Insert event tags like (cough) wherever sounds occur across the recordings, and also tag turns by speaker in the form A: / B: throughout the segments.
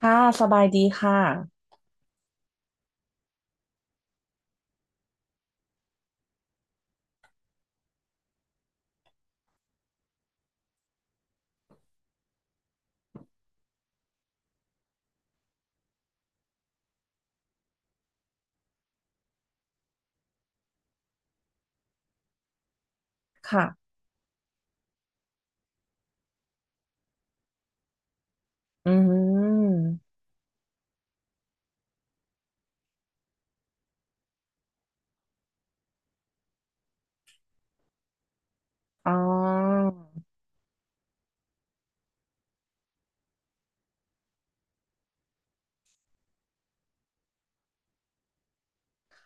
A: ค่ะสบายดีค่ะค่ะอืมอ๋อ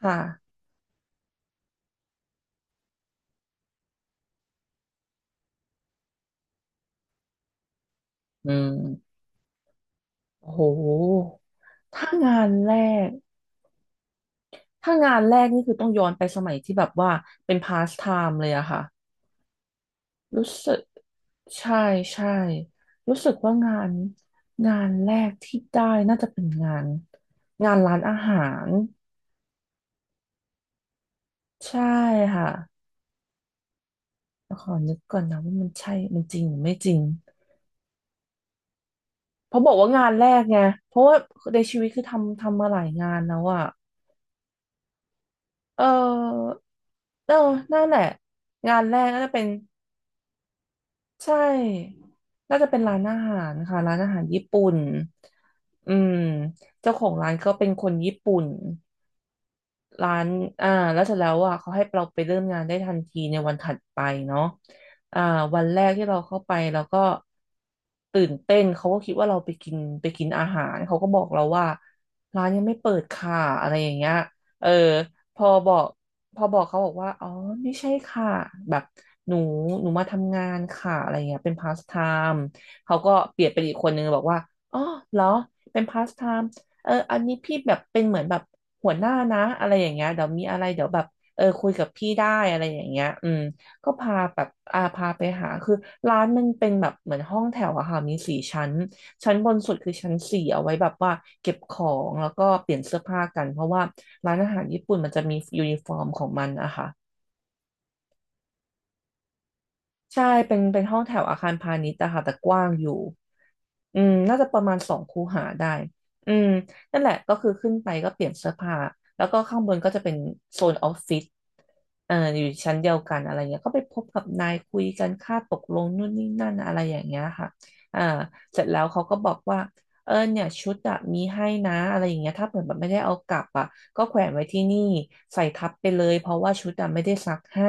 A: ค่ะอืมโอ้โหถ้างานแรกนี่คือต้องย้อนไปสมัยที่แบบว่าเป็นพาส t ไทม์เลยอะค่ะรู้สึกใช่ใช่รู้สึกว่างานแรกที่ได้น่าจะเป็นงานร้านอาหารใช่ค่ะขอนึกก่อนนะว่ามันใช่มันจริงหรือไม่จริง เพราะบอกว่างานแรกไง เพราะว่าในชีวิตคือทำมาหลายงานแล้วอ่ะเออเออนั่นแหละงานแรกน่าจะเป็นใช่น่าจะเป็นร้านอาหารค่ะร้านอาหารญี่ปุ่นอืมเจ้าของร้านก็เป็นคนญี่ปุ่น ร้านอ่าแล้วเสร็จแล้วอ่ะเขาให้เราไปเริ่มงานได้ทันทีในวันถัดไปเนาะอ่าวันแรกที่เราเข้าไปเราก็ตื่นเต้น เขาก็คิดว่าเราไปกินอาหารเขาก็บอกเราว่าร้านยังไม่เปิดค่ะอะไรอย่างเงี้ยเออพอบอกพอบอกเขาบอกว่าอ๋อไม่ใช่ค่ะแบบหนูมาทำงานค่ะอะไรเงี้ยเป็นพาสไทม์เขาก็เปลี่ยนเป็นอีกคนนึงบอกว่าอ๋อเหรอเป็นพาสไทม์ เอออันนี้พี่แบบเป็นเหมือนแบบหัวหน้านะอะไรอย่างเงี้ยเดี๋ยวมีอะไรเดี๋ยวแบบเออคุยกับพี่ได้อะไรอย่างเงี้ยอืมก็พาแบบอาพาไปหาคือร้านมันเป็นแบบเหมือนห้องแถวอะค่ะมีสี่ชั้นชั้นบนสุดคือชั้นสี่เอาไว้แบบว่าเก็บของแล้วก็เปลี่ยนเสื้อผ้ากันเพราะว่าร้านอาหารญี่ปุ่นมันจะมียูนิฟอร์มของมันอะคะ ใช่เป็นห้องแถวอาคารพาณิชย์อะค่ะแต่กว้างอยู่อืมน่าจะประมาณสองคูหาได้อืมนั่นแหละก็คือขึ้นไปก็เปลี่ยนเสื้อผ้าแล้วก็ข้างบนก็จะเป็นโซนออฟฟิศอยู่ชั้นเดียวกันอะไรเงี้ยก็ไปพบกับนายคุยกันค่าตกลงนู่นนี่นั่นอะไรอย่างเงี้ยค่ะอ่าเสร็จแล้วเขาก็บอกว่าเออเนี่ยชุดอะมีให้นะอะไรอย่างเงี้ยถ้าเกิดแบบไม่ได้เอากลับอะก็แขวนไว้ที่นี่ใส่ทับไปเลยเพราะว่าชุดอะไม่ได้ซักให้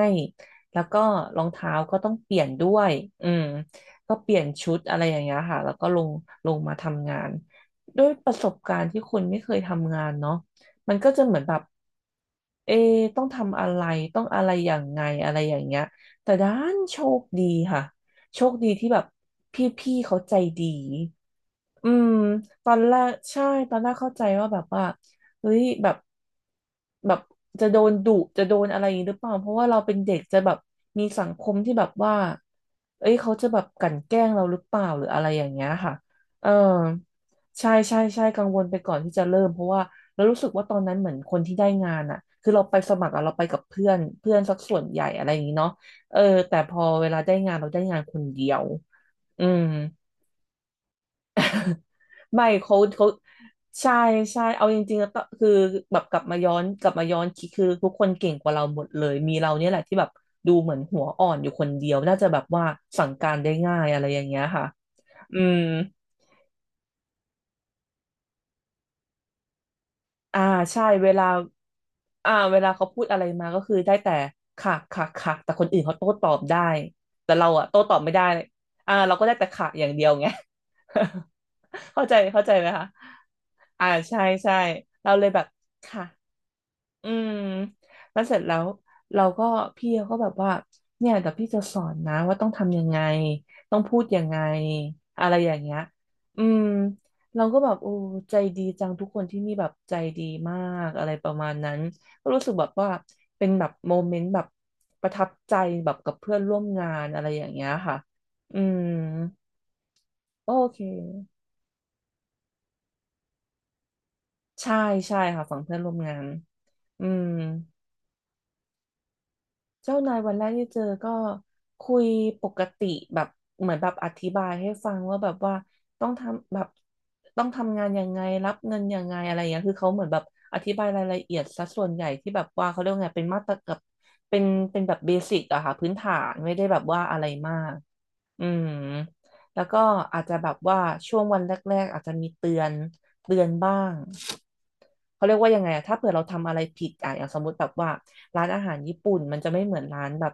A: แล้วก็รองเท้าก็ต้องเปลี่ยนด้วยอืมก็เปลี่ยนชุดอะไรอย่างเงี้ยค่ะแล้วก็ลงมาทำงานด้วยประสบการณ์ที่คุณไม่เคยทำงานเนาะมันก็จะเหมือนแบบเอะต้องทำอะไรต้องอะไรอย่างไงอะไรอย่างเงี้ยแต่ด้านโชคดีค่ะโชคดีที่แบบพี่ๆเขาใจดี อืมตอนแรกใช่ตอนแรกเข้าใจว่าแบบว่าเฮ้ยแบบแบบจะโดนดุจะโดนอะไรอย่างนี้หรือเปล่าเพราะว่าเราเป็นเด็กจะแบบมีสังคมที่แบบว่าเอ้ยเขาจะแบบกลั่นแกล้งเราหรือเปล่าหรืออะไรอย่างเงี้ยค่ะเออใช่ใช่ใช่กังวลไปก่อนที่จะเริ่มเพราะว่าเรารู้สึกว่าตอนนั้นเหมือนคนที่ได้งานอ่ะคือเราไปสมัครอะเราไปกับเพื่อนเพื่อนสักส่วนใหญ่อะไรอย่างนี้เนาะเออแต่พอเวลาได้งานเราได้งานคนเดียวอืม ไม่เขาใช่ใช่เอาจริงๆแล้วก็คือแบบกลับมาย้อนคิดคือทุกคนเก่งกว่าเราหมดเลยมีเราเนี่ยแหละที่แบบดูเหมือนหัวอ่อนอยู่คนเดียวน่าจะแบบว่าสั่งการได้ง่ายอะไรอย่างเงี้ยค่ะอืมอ่าใช่เวลาอ่าเวลาเขาพูดอะไรมาก็คือได้แต่ค่ะค่ะค่ะแต่คนอื่นเขาโต้ตอบได้แต่เราอะโต้ตอบไม่ได้อ่าเราก็ได้แต่ค่ะอย่างเดียวไง (laughs) เข้าใจไหมคะอ่าใช่ใช่เราเลยแบบค่ะ อืมแล้วเสร็จแล้วเราก็พี่เขาก็แบบว่าเนี่ยแต่พี่จะสอนนะว่าต้องทำยังไงต้องพูดยังไงอะไรอย่างเงี้ยอืมเราก็แบบโอ้ใจดีจังทุกคนที่นี่แบบใจดีมากอะไรประมาณนั้นก็รู้สึกแบบว่าเป็นแบบโมเมนต์แบบประทับใจแบบกับเพื่อนร่วมงานอะไรอย่างเงี้ยค่ะอืมโอเคใช่ใช่ค่ะฝั่งเพื่อนร่วมงานอืม เจ้านายวันแรกที่เจอก็คุยปกติแบบเหมือนแบบอธิบายให้ฟังว่าแบบว่าต้องทำแบบต้องทำงานยังไงรับเงินยังไงอะไรอย่างเงี้ยคือเขาเหมือนแบบอธิบายรายละเอียดซะส่วนใหญ่ที่แบบว่าเขาเรียกว่าไงเป็นมาตรกับเป็นเป็นแบบเบสิกอะค่ะพื้นฐานไม่ได้แบบว่าอะไรมากอืมแล้วก็อาจจะแบบว่าช่วงวันแรกๆอาจจะมีเตือนบ้าง เขาเรียกว่ายังไงอะถ้าเผื่อเราทำอะไรผิดอะอย่างสมมติแบบว่าร้านอาหารญี่ปุ่นมันจะไม่เหมือนร้านแบบ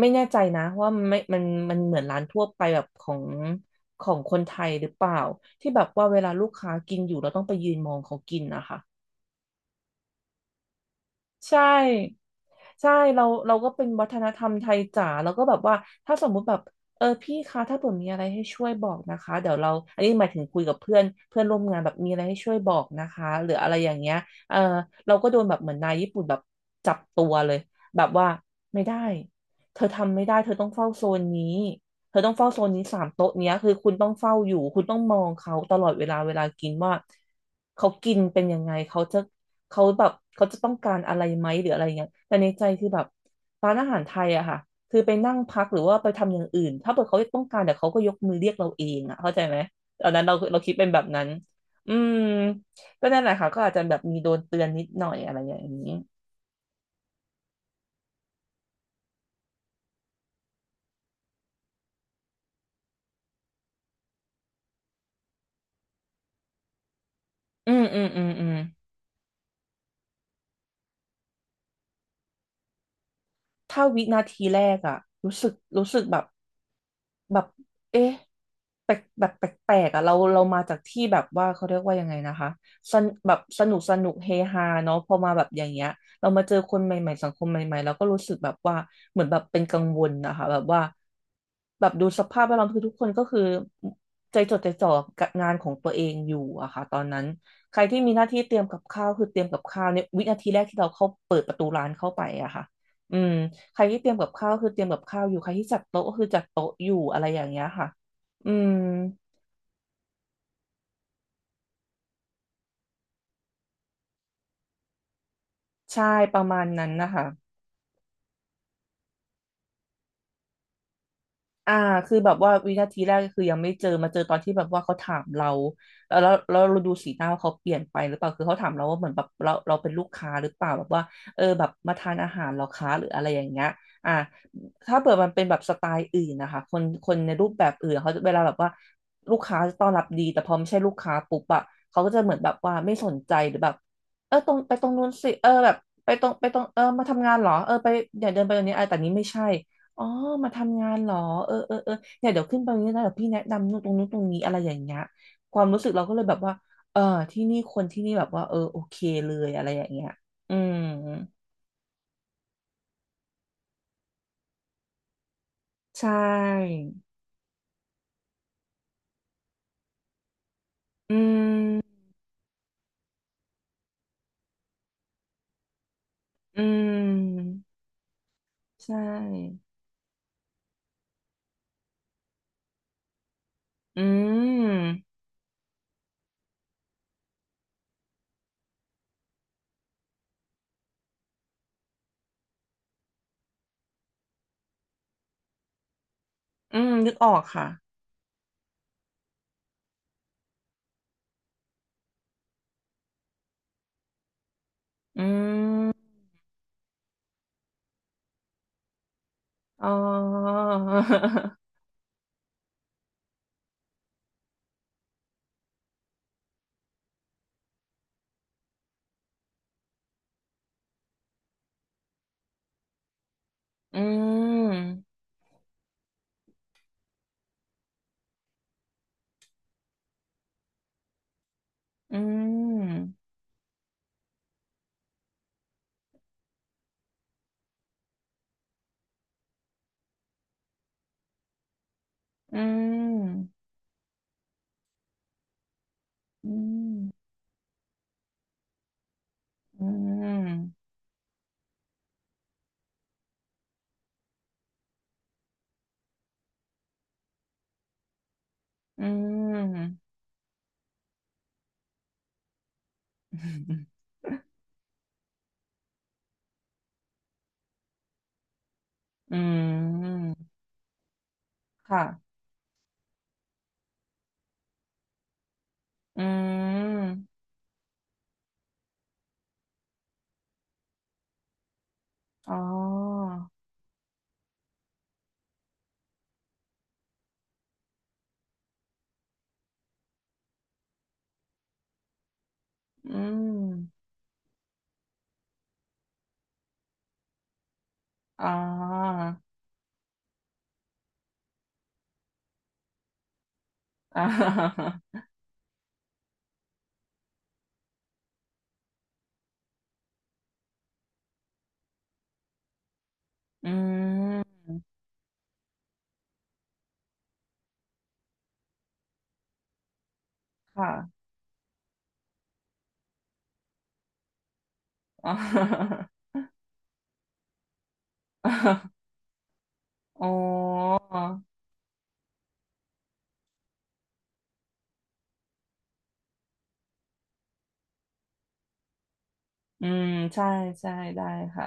A: ไม่แน่ใจนะว่ามันไม่มันเหมือนร้านทั่วไปแบบของคนไทยหรือเปล่าที่แบบว่าเวลาลูกค้ากินอยู่เราต้องไปยืนมองเขากินนะคะ ใช่ใช่เราก็เป็นวัฒนธรรมไทยจ๋าแล้วก็แบบว่าถ้าสมมุติแบบเออพี่คะถ้าผมมีอะไรให้ช่วยบอกนะคะเดี๋ยวเราอันนี้หมายถึงคุยกับเพื่อนเพื่อนร่วมงานแบบมีอะไรให้ช่วยบอกนะคะหรืออะไรอย่างเงี้ยเออเราก็โดนแบบเหมือนนายญี่ปุ่นแบบจับตัวเลยแบบว่าไม่ได้เธอทำไม่ได้เธอต้องเฝ้าโซนนี้เธอต้องเฝ้าโซนนี้สามโต๊ะเนี้ยคือคุณต้องเฝ้าอยู่คุณต้องมองเขาตลอดเวลาเวลากินว่าเขากินเป็นยังไงเขาแบบเขาจะต้องการอะไรไหมหรืออะไรเงี้ยแต่ในใจคือแบบร้านอาหารไทยอะค่ะคือไปนั่งพักหรือว่าไปทำอย่างอื่นถ้าเกิดเขาต้องการเดี๋ยวเขาก็ยกมือเรียกเราเองอะเข้าใจไหมตอนนั้นเราคิดเป็นแบบนั้นอืมก็นั่นแหละค่ะก็อาจจะแบบมีโดนเตือนนิดหน่อยอะไรอย่างนี้อืมอืมอืมอืม ถ้าวินาทีแรกอะรู้สึกรู้สึกแบบเอ๊ะแปลกแบบแปลกๆอะเรามาจากที่แบบว่าเขาเรียกว่ายังไงนะคะสนแบบสนุกสนุกเฮฮาเนาะพอมาแบบอย่างเงี้ยเรามาเจอคนใหม่ๆสังคมใหม่ๆเราก็รู้สึกแบบว่าเหมือนแบบเป็นกังวลนะคะแบบว่าแบบดูสภาพแวดล้อมคือทุกคนก็คือใจจดใจจ่อกับงานของตัวเองอยู่อะค่ะตอนนั้นใครที่มีหน้าที่เตรียมกับข้าวคือเตรียมกับข้าวในวินาทีแรกที่เราเข้าเปิดประตูร้านเข้าไปอะค่ะอืม ใครที่เตรียมกับข้าวคือเตรียมกับข้าวอยู่ใครที่จัดโต๊ะก็คือจัดโต๊ะอยู่อะไรอย่างเงี้ยค่ะ อืม ใช่ประมาณนั้นนะคะ อ่าคือแบบว่าวินาทีแรกก็คือยังไม่เจอมาเจอตอนที่แบบว่าเขาถามเราแล้วเราดูสีหน้าว่าเขาเปลี่ยนไปหรือเปล่าคือเขาถามเราว่าเหมือนแบบเราเป็นลูกค้าหรือเปล่าแบบว่าเออแบบมาทานอาหารเหราค้าหรืออะไรอย่างเงี้ยอ่าถ้าเปิดมันเป็นแบบสไตล์อื่นนะคะคนคนในรูปแบบอื่นเขาจะเวลาแบบว่าลูกค้าจะต้อนรับดีแต่พอไม่ใช่ลูกค้าปุ๊บอะเขาก็จะเหมือนแบบว่าไม่สนใจหรือแบบเออตรงไปตรงนู้นสิเออแบบไปตรงเออมาทำงานเหรอเออไปอย่าเดินไปตรงนี้ไอ้แต่นี้ไม่ใช่ อ๋อมาทำงานเหรอเออเออเออเนี่ยเดี๋ยวขึ้นไปตรงนี้นะเดี๋ยวพี่แนะนำนู่นตรงนู้นตรงนี้อะไรอย่างเงี้ยความรู้สึกเราก็เลยแบบว่าเออที่นี่คนที่นี่แบบว่าเออโอเคเลยอะไรอย่างเงี้ยอืมใช่ อืมอืมใช่อืมอืมนึกออกค่ะอืมอ๋อ (laughs) อืมอืมอืมอืมอืมอืม (laughs) อืมค่ะอืมอ๋ออืมอ๋อ (laughs) อ่าอืมค่ะ (laughs) อ๋อโอ้อืมใช่ใช่ได้ค่ะ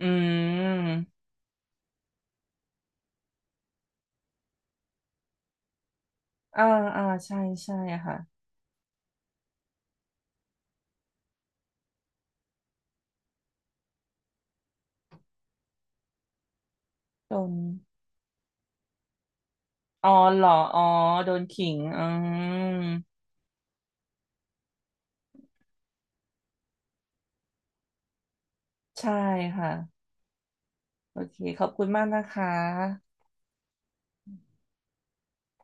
A: อืมอ่าอ่าใช่ใช่ค่ะโดนอ๋อเหรออ๋อโดนขิงอืมใช่ค่ะโอเคขอบคุณมากนะคะ